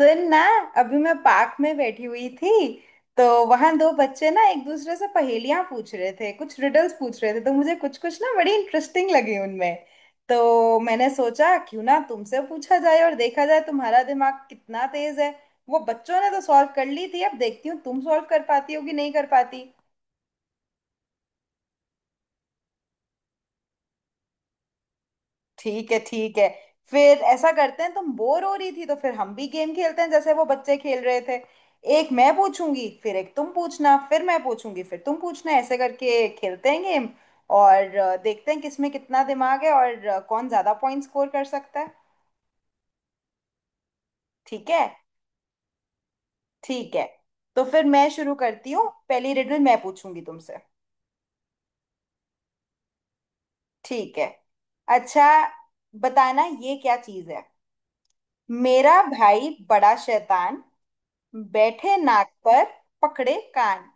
सुन ना। अभी मैं पार्क में बैठी हुई थी। तो वहां दो बच्चे ना एक दूसरे से पहेलियां पूछ रहे थे, कुछ रिडल्स पूछ रहे थे। तो मुझे कुछ कुछ ना बड़ी इंटरेस्टिंग लगी उनमें। तो मैंने सोचा क्यों ना तुमसे पूछा जाए और देखा जाए तुम्हारा दिमाग कितना तेज है। वो बच्चों ने तो सॉल्व कर ली थी, अब देखती हूँ तुम सॉल्व कर पाती हो कि नहीं कर पाती। ठीक है ठीक है। फिर ऐसा करते हैं, तुम बोर हो रही थी तो फिर हम भी गेम खेलते हैं जैसे वो बच्चे खेल रहे थे। एक मैं पूछूंगी फिर एक तुम पूछना, फिर मैं पूछूंगी फिर तुम पूछना, ऐसे करके खेलते हैं गेम। और देखते हैं किसमें कितना दिमाग है, और कौन ज्यादा पॉइंट स्कोर कर सकता है। ठीक है ठीक है। तो फिर मैं शुरू करती हूँ, पहली रिडल मैं पूछूंगी तुमसे। ठीक है। अच्छा, बताना ये क्या चीज़ है। मेरा भाई बड़ा शैतान, बैठे नाक पर, पकड़े कान।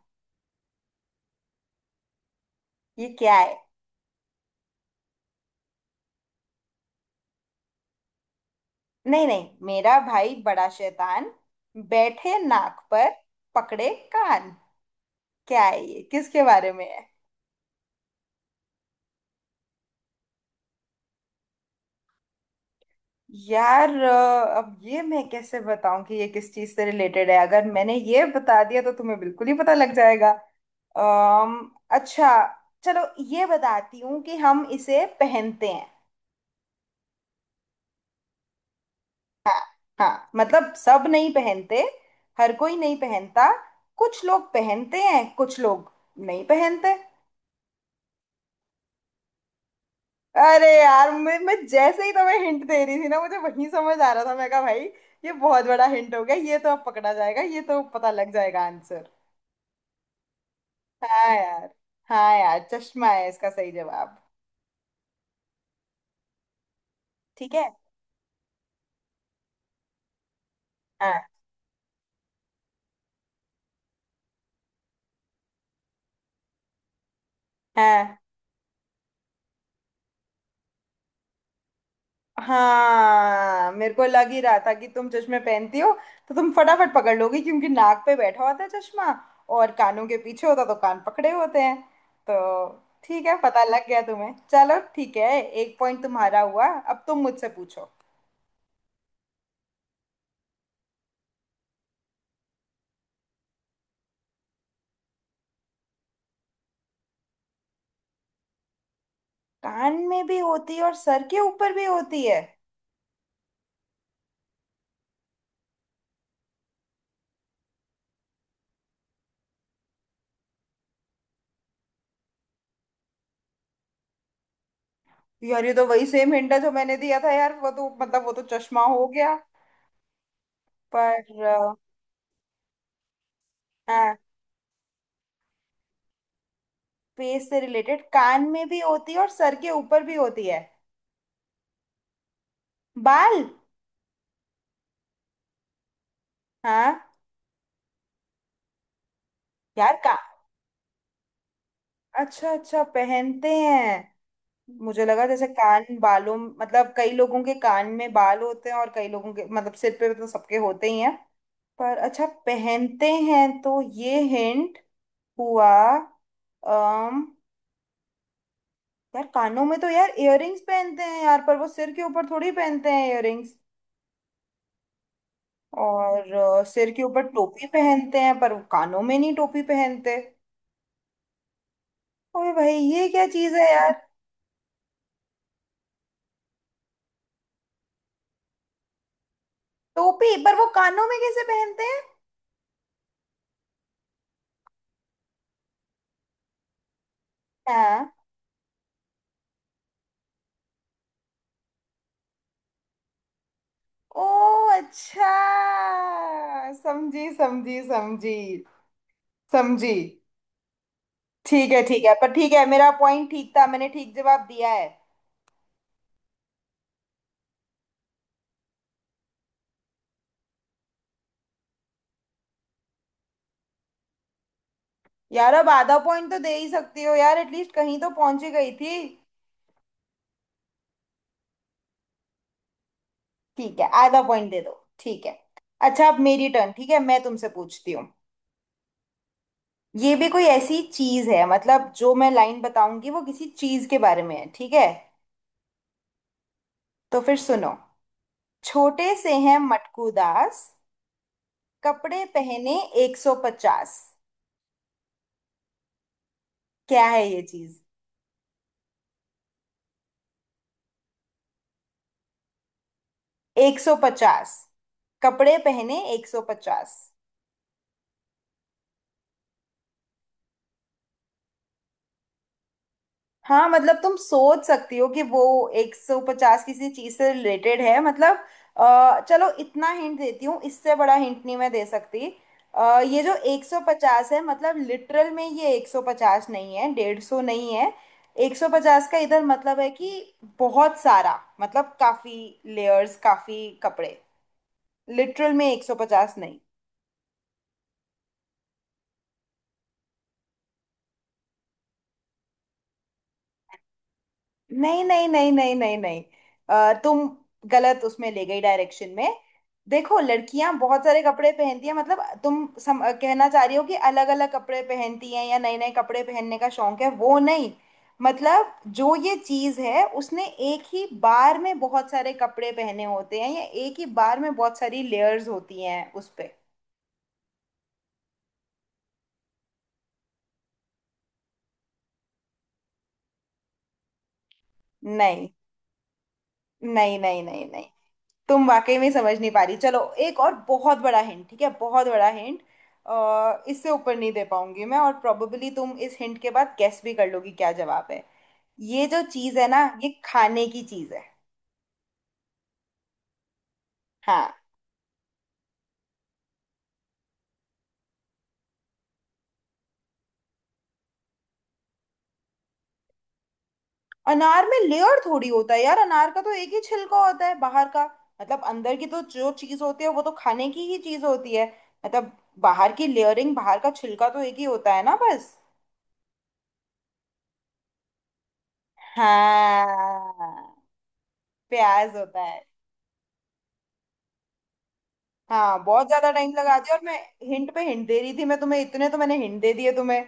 ये क्या है? नहीं नहीं, मेरा भाई बड़ा शैतान, बैठे नाक पर, पकड़े कान। क्या है ये? किसके बारे में है? यार अब ये मैं कैसे बताऊं कि ये किस चीज से रिलेटेड है, अगर मैंने ये बता दिया तो तुम्हें बिल्कुल ही पता लग जाएगा। अम्म अच्छा, चलो, ये बताती हूँ कि हम इसे पहनते हैं। हाँ। हाँ मतलब सब नहीं पहनते, हर कोई नहीं पहनता, कुछ लोग पहनते हैं कुछ लोग नहीं पहनते। अरे यार, मैं जैसे ही तुम्हें हिंट दे रही थी ना, मुझे वही समझ आ रहा था। मैं कहा भाई, ये बहुत बड़ा हिंट हो गया, ये तो अब पकड़ा जाएगा, ये तो पता लग जाएगा आंसर। हाँ यार। हाँ यार, चश्मा है इसका सही जवाब। ठीक है। हाँ हाँ। हाँ मेरे को लग ही रहा था कि तुम चश्मे पहनती हो, तो तुम फटाफट पकड़ लोगी क्योंकि नाक पे बैठा होता है चश्मा, और कानों के पीछे होता तो कान पकड़े होते हैं। तो ठीक है, पता लग गया तुम्हें। चलो ठीक है, एक पॉइंट तुम्हारा हुआ, अब तुम मुझसे पूछो। कान में भी होती है और सर के ऊपर भी होती है? यार ये तो वही सेम हिंट है जो मैंने दिया था यार, वो तो मतलब वो तो चश्मा हो गया। पर हाँ। फेस से रिलेटेड, कान में भी होती है और सर के ऊपर भी होती है। बाल। हाँ यार का। अच्छा अच्छा, पहनते हैं। मुझे लगा जैसे कान बालों, मतलब कई लोगों के कान में बाल होते हैं और कई लोगों के, मतलब सिर पे तो सबके होते ही हैं। पर अच्छा पहनते हैं, तो ये हिंट हुआ। अम यार कानों में तो यार इयररिंग्स पहनते हैं यार, पर वो सिर के ऊपर थोड़ी पहनते हैं इयररिंग्स। और सिर के ऊपर टोपी पहनते हैं, पर वो कानों में नहीं टोपी पहनते। ओए भाई, ये क्या चीज है यार। टोपी, पर वो कानों में कैसे पहनते हैं? हाँ। ओ अच्छा, समझी समझी समझी। समझी। ठीक है ठीक है, पर ठीक है मेरा पॉइंट ठीक था, मैंने ठीक जवाब दिया है। यार अब आधा पॉइंट तो दे ही सकती हो यार, एटलीस्ट कहीं तो पहुंची गई थी। ठीक है आधा पॉइंट दे दो। ठीक है। अच्छा अब मेरी टर्न, ठीक है मैं तुमसे पूछती हूँ। ये भी कोई ऐसी चीज है, मतलब जो मैं लाइन बताऊंगी वो किसी चीज के बारे में है, ठीक है? तो फिर सुनो। छोटे से हैं मटकू दास, कपड़े पहने 150। क्या है ये चीज? 150, कपड़े पहने 150। हाँ मतलब तुम सोच सकती हो कि वो 150 किसी चीज से रिलेटेड है, मतलब। चलो इतना हिंट देती हूँ, इससे बड़ा हिंट नहीं मैं दे सकती। ये जो 150 है मतलब लिटरल में ये 150 नहीं है, 150 नहीं है। 150 का इधर मतलब है कि बहुत सारा, मतलब काफी लेयर्स, काफी कपड़े। लिटरल में 150 नहीं नहीं नहीं नहीं नहीं नहीं नहीं। तुम गलत उसमें ले गई, डायरेक्शन में। देखो लड़कियां बहुत सारे कपड़े पहनती हैं, मतलब तुम कहना चाह रही हो कि अलग अलग कपड़े पहनती हैं या नए नए कपड़े पहनने का शौक है, वो नहीं मतलब। जो ये चीज है उसने एक ही बार में बहुत सारे कपड़े पहने होते हैं, या एक ही बार में बहुत सारी लेयर्स होती हैं उस पे। नहीं नहीं नहीं नहीं नहीं, तुम वाकई में समझ नहीं पा रही। चलो एक और बहुत बड़ा हिंट, ठीक है, बहुत बड़ा हिंट, इससे ऊपर नहीं दे पाऊंगी मैं, और प्रोबेबली तुम इस हिंट के बाद गेस भी कर लोगी क्या जवाब है। ये जो चीज है ना, ये खाने की चीज है। हाँ। अनार में लेयर थोड़ी होता है यार, अनार का तो एक ही छिलका होता है बाहर का। मतलब अंदर की तो जो चीज होती है वो तो खाने की ही चीज होती है। मतलब बाहर की लेयरिंग, बाहर का छिलका तो एक ही होता है ना बस। हाँ, प्याज होता है। हाँ, बहुत ज्यादा टाइम लगा दिया, और मैं हिंट पे हिंट दे रही थी मैं तुम्हें, इतने तो मैंने हिंट दे दिए तुम्हें।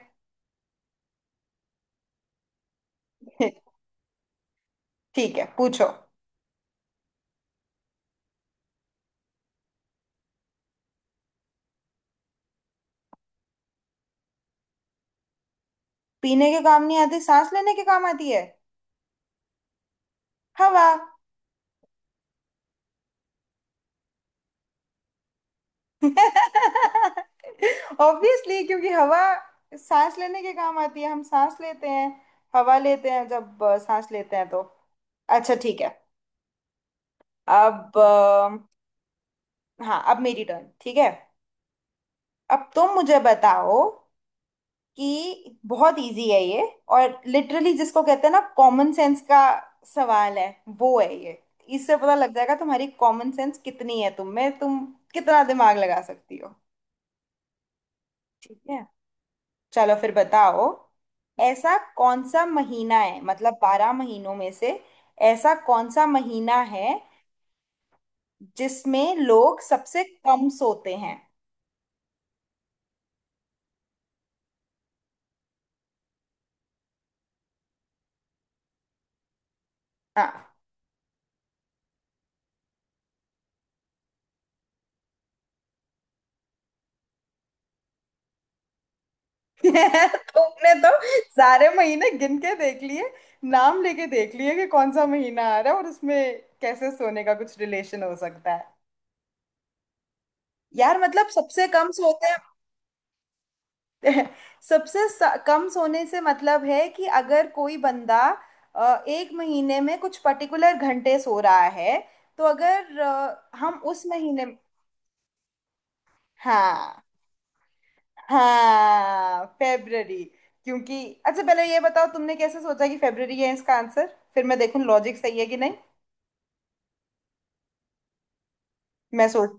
ठीक है पूछो। पीने के काम नहीं आती, सांस लेने के काम आती है। हवा। ऑब्वियसली, क्योंकि हवा सांस लेने के काम आती है, हम सांस लेते हैं, हवा लेते हैं, जब सांस लेते हैं तो। अच्छा ठीक है। अब हाँ अब मेरी टर्न, ठीक है अब तुम मुझे बताओ, कि बहुत इजी है ये, और लिटरली जिसको कहते हैं ना कॉमन सेंस का सवाल है, वो है ये। इससे पता लग जाएगा तुम्हारी कॉमन सेंस कितनी है, तुम में तुम कितना दिमाग लगा सकती हो। ठीक है। चलो फिर बताओ। ऐसा कौन सा महीना है, मतलब बारह महीनों में से ऐसा कौन सा महीना है जिसमें लोग सबसे कम सोते हैं? हाँ। तुमने तो सारे महीने गिन के देख लिए, नाम लेके देख लिए कि कौन सा महीना आ रहा है और उसमें कैसे सोने का कुछ रिलेशन हो सकता है। यार मतलब सबसे कम सोते हैं। सबसे कम सोने से मतलब है कि अगर कोई बंदा एक महीने में कुछ पर्टिकुलर घंटे सो रहा है, तो अगर हम उस महीने। हाँ हाँ फेब्ररी। क्योंकि अच्छा, पहले ये बताओ तुमने कैसे सोचा कि फेब्ररी है इसका आंसर, फिर मैं देखूं लॉजिक सही है कि नहीं। मैं सोच,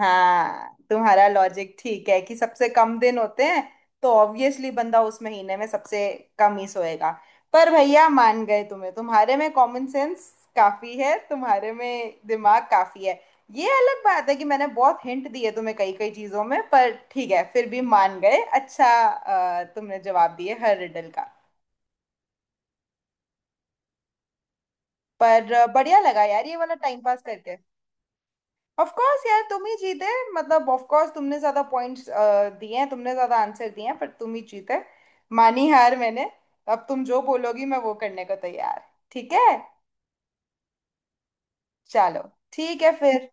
हाँ तुम्हारा लॉजिक ठीक है कि सबसे कम दिन होते हैं, तो ऑब्वियसली बंदा उस महीने में सबसे कम ही सोएगा। पर भैया मान गए तुम्हें, तुम्हारे में कॉमन सेंस काफी है, तुम्हारे में दिमाग काफी है। ये अलग बात है कि मैंने बहुत हिंट दिए तुम्हें कई कई चीजों में, पर ठीक है फिर भी मान गए अच्छा। तुमने जवाब दिए हर रिडल का। पर बढ़िया लगा यार ये वाला टाइम पास करके। ऑफ कोर्स यार तुम ही जीते, मतलब ऑफ कोर्स तुमने ज्यादा पॉइंट्स दिए हैं, तुमने ज्यादा आंसर दिए हैं, पर तुम ही जीते। मानी हार मैंने। अब तुम जो बोलोगी मैं वो करने को तैयार। ठीक है। चलो ठीक है फिर।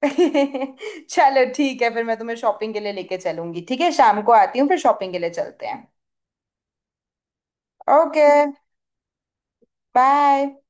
चलो ठीक है फिर, मैं तुम्हें शॉपिंग के लिए लेके चलूंगी। ठीक है शाम को आती हूँ, फिर शॉपिंग के लिए चलते हैं। Okay bye.